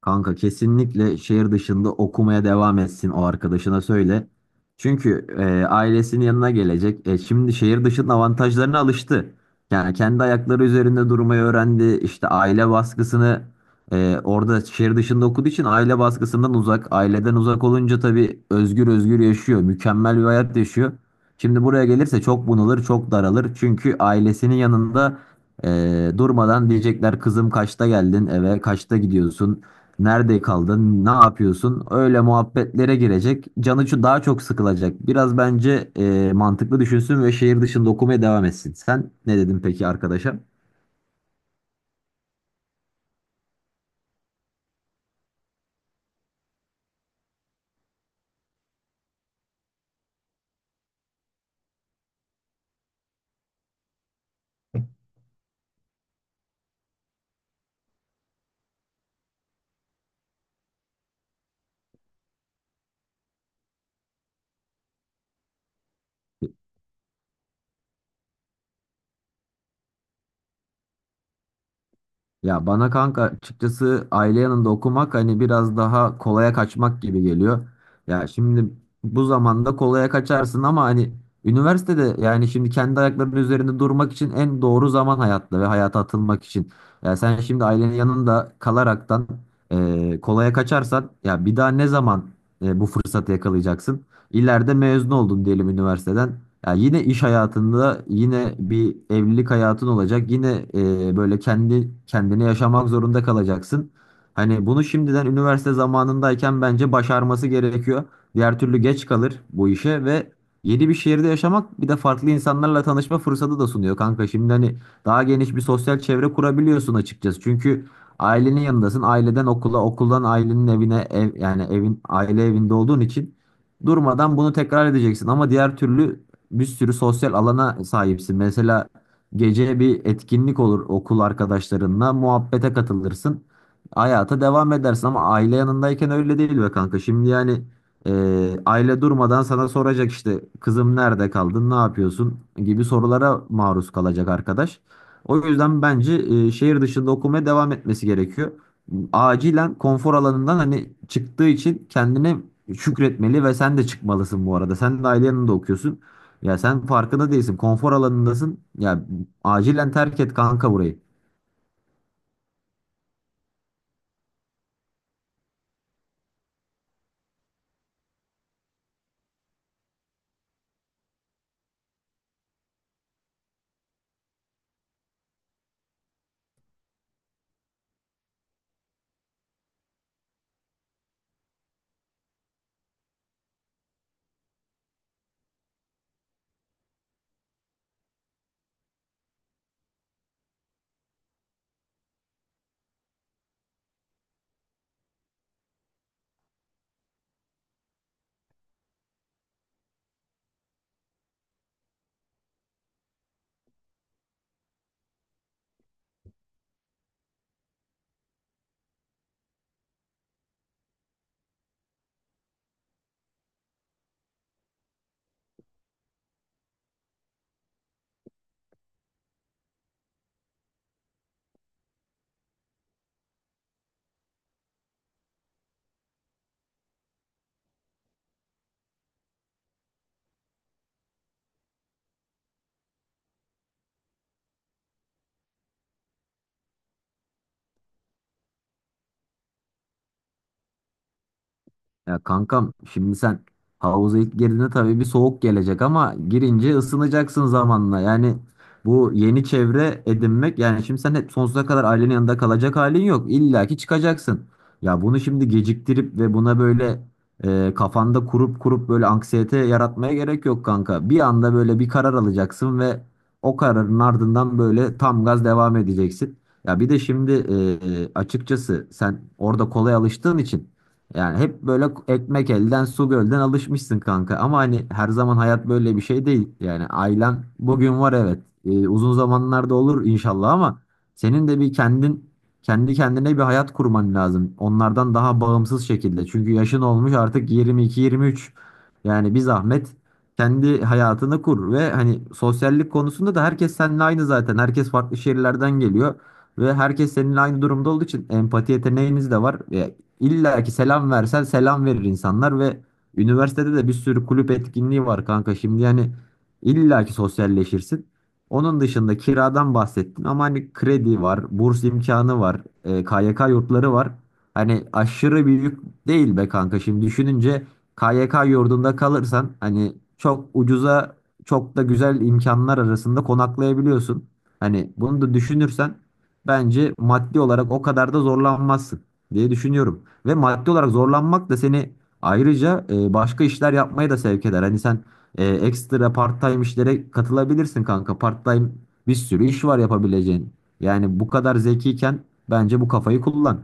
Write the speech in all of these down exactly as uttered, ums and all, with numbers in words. Kanka kesinlikle şehir dışında okumaya devam etsin o arkadaşına söyle. Çünkü e, ailesinin yanına gelecek. E, şimdi şehir dışının avantajlarına alıştı. Yani kendi ayakları üzerinde durmayı öğrendi. İşte aile baskısını e, orada şehir dışında okuduğu için aile baskısından uzak. Aileden uzak olunca tabii özgür özgür yaşıyor. Mükemmel bir hayat yaşıyor. Şimdi buraya gelirse çok bunalır, çok daralır. Çünkü ailesinin yanında e, durmadan diyecekler kızım kaçta geldin eve, kaçta gidiyorsun? Nerede kaldın? Ne yapıyorsun? Öyle muhabbetlere girecek. Canı şu daha çok sıkılacak. Biraz bence e, mantıklı düşünsün ve şehir dışında okumaya devam etsin. Sen ne dedin peki arkadaşa? Ya bana kanka açıkçası aile yanında okumak hani biraz daha kolaya kaçmak gibi geliyor. Ya şimdi bu zamanda kolaya kaçarsın ama hani üniversitede yani şimdi kendi ayaklarının üzerinde durmak için en doğru zaman hayatta ve hayata atılmak için. Ya sen şimdi ailenin yanında kalaraktan eee, kolaya kaçarsan ya bir daha ne zaman e, bu fırsatı yakalayacaksın? İleride mezun oldun diyelim üniversiteden. Ya yine iş hayatında, yine bir evlilik hayatın olacak. Yine e, böyle kendi kendini yaşamak zorunda kalacaksın. Hani bunu şimdiden üniversite zamanındayken bence başarması gerekiyor. Diğer türlü geç kalır bu işe ve yeni bir şehirde yaşamak bir de farklı insanlarla tanışma fırsatı da sunuyor kanka. Şimdi hani daha geniş bir sosyal çevre kurabiliyorsun açıkçası. Çünkü ailenin yanındasın. Aileden okula, okuldan ailenin evine, ev, yani evin aile evinde olduğun için durmadan bunu tekrar edeceksin. Ama diğer türlü bir sürü sosyal alana sahipsin. Mesela gece bir etkinlik olur okul arkadaşlarınla muhabbete katılırsın. Hayata devam edersin ama aile yanındayken öyle değil be kanka. Şimdi yani e, aile durmadan sana soracak işte kızım nerede kaldın, ne yapıyorsun gibi sorulara maruz kalacak arkadaş. O yüzden bence e, şehir dışında okumaya devam etmesi gerekiyor. Acilen konfor alanından hani çıktığı için kendine şükretmeli ve sen de çıkmalısın bu arada. Sen de ailenin de okuyorsun. Ya sen farkında değilsin. Konfor alanındasın. Ya acilen terk et kanka burayı. Ya kankam şimdi sen havuza ilk girdiğinde tabii bir soğuk gelecek ama girince ısınacaksın zamanla. Yani bu yeni çevre edinmek yani şimdi sen hep sonsuza kadar ailenin yanında kalacak halin yok. İlla ki çıkacaksın. Ya bunu şimdi geciktirip ve buna böyle e, kafanda kurup kurup böyle anksiyete yaratmaya gerek yok kanka. Bir anda böyle bir karar alacaksın ve o kararın ardından böyle tam gaz devam edeceksin. Ya bir de şimdi e, e, açıkçası sen orada kolay alıştığın için yani hep böyle ekmek elden su gölden alışmışsın kanka. Ama hani her zaman hayat böyle bir şey değil. Yani ailen bugün var, evet. Ee, uzun zamanlarda olur inşallah ama senin de bir kendin kendi kendine bir hayat kurman lazım. Onlardan daha bağımsız şekilde. Çünkü yaşın olmuş artık yirmi iki yirmi üç. Yani bir zahmet kendi hayatını kur ve hani sosyallik konusunda da herkes seninle aynı zaten. Herkes farklı şehirlerden geliyor. Ve herkes seninle aynı durumda olduğu için empati yeteneğiniz de var. E, İlla ki selam versen selam verir insanlar ve üniversitede de bir sürü kulüp etkinliği var kanka. Şimdi yani illa ki sosyalleşirsin. Onun dışında kiradan bahsettin ama hani kredi var, burs imkanı var, e, K Y K yurtları var. Hani aşırı büyük değil be kanka. Şimdi düşününce K Y K yurdunda kalırsan hani çok ucuza çok da güzel imkanlar arasında konaklayabiliyorsun. Hani bunu da düşünürsen bence maddi olarak o kadar da zorlanmazsın diye düşünüyorum. Ve maddi olarak zorlanmak da seni ayrıca e, başka işler yapmaya da sevk eder. Hani sen e, ekstra part-time işlere katılabilirsin kanka. Part-time bir sürü iş var yapabileceğin. Yani bu kadar zekiyken bence bu kafayı kullan.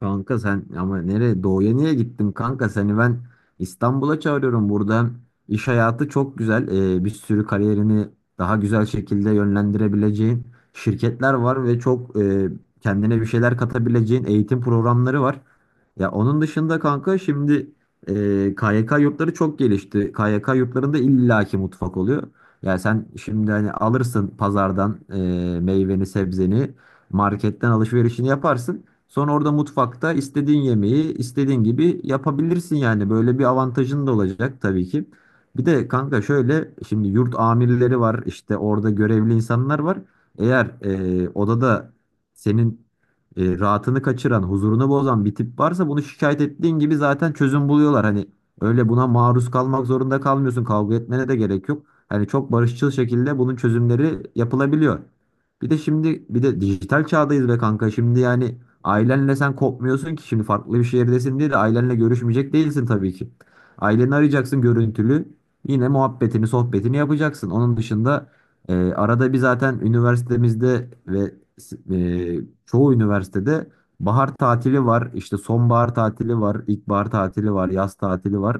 Kanka sen ama nereye doğuya niye gittin kanka seni ben İstanbul'a çağırıyorum burada iş hayatı çok güzel. Ee, bir sürü kariyerini daha güzel şekilde yönlendirebileceğin şirketler var ve çok e, kendine bir şeyler katabileceğin eğitim programları var. Ya onun dışında kanka şimdi e, K Y K yurtları çok gelişti. K Y K yurtlarında illaki mutfak oluyor. Ya sen şimdi hani alırsın pazardan e, meyveni sebzeni marketten alışverişini yaparsın. Sonra orada mutfakta istediğin yemeği istediğin gibi yapabilirsin yani. Böyle bir avantajın da olacak tabii ki. Bir de kanka şöyle şimdi yurt amirleri var işte orada görevli insanlar var. Eğer e, odada senin e, rahatını kaçıran, huzurunu bozan bir tip varsa bunu şikayet ettiğin gibi zaten çözüm buluyorlar. Hani öyle buna maruz kalmak zorunda kalmıyorsun. Kavga etmene de gerek yok. Hani çok barışçıl şekilde bunun çözümleri yapılabiliyor. Bir de şimdi bir de dijital çağdayız be kanka. Şimdi yani ailenle sen kopmuyorsun ki şimdi farklı bir şehirdesin diye de ailenle görüşmeyecek değilsin tabii ki. Aileni arayacaksın görüntülü. Yine muhabbetini, sohbetini yapacaksın. Onun dışında e, arada bir zaten üniversitemizde ve e, çoğu üniversitede bahar tatili var, işte sonbahar tatili var, ilkbahar tatili var, yaz tatili var.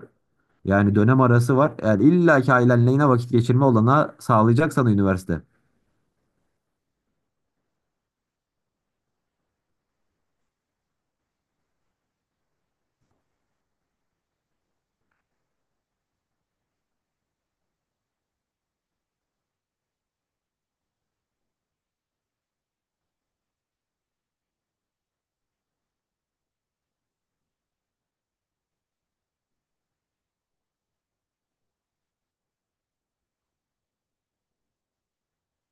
Yani dönem arası var. Yani illa ki ailenle yine vakit geçirme olanağı sağlayacak sana üniversite.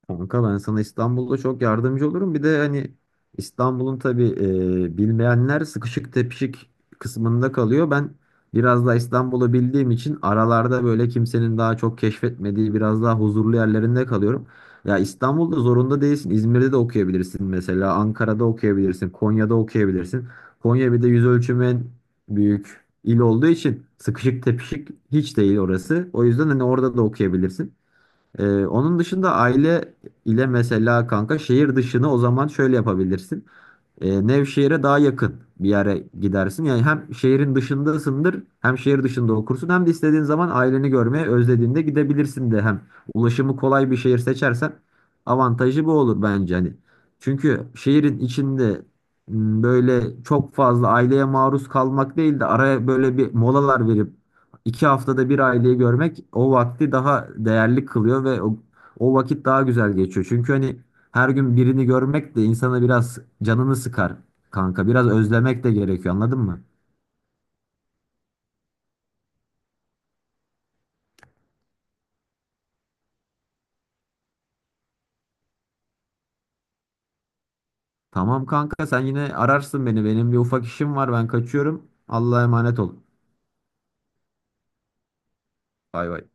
Kanka ben sana İstanbul'da çok yardımcı olurum. Bir de hani İstanbul'un tabii e, bilmeyenler sıkışık tepişik kısmında kalıyor. Ben biraz daha İstanbul'u bildiğim için aralarda böyle kimsenin daha çok keşfetmediği biraz daha huzurlu yerlerinde kalıyorum. Ya İstanbul'da zorunda değilsin. İzmir'de de okuyabilirsin mesela. Ankara'da okuyabilirsin. Konya'da okuyabilirsin. Konya bir de yüz ölçümü en büyük il olduğu için sıkışık tepişik hiç değil orası. O yüzden hani orada da okuyabilirsin. Ee, onun dışında aile ile mesela kanka şehir dışını o zaman şöyle yapabilirsin, e, Nevşehir'e daha yakın bir yere gidersin. Yani hem şehrin dışındasındır, hem şehir dışında okursun, hem de istediğin zaman aileni görmeye özlediğinde gidebilirsin de hem ulaşımı kolay bir şehir seçersen avantajı bu olur bence hani. Çünkü şehrin içinde m, böyle çok fazla aileye maruz kalmak değil de araya böyle bir molalar verip iki haftada bir aileyi görmek o vakti daha değerli kılıyor ve o, o vakit daha güzel geçiyor. Çünkü hani her gün birini görmek de insana biraz canını sıkar kanka. Biraz özlemek de gerekiyor, anladın mı? Tamam kanka sen yine ararsın beni. Benim bir ufak işim var, ben kaçıyorum. Allah'a emanet ol. Bay bay.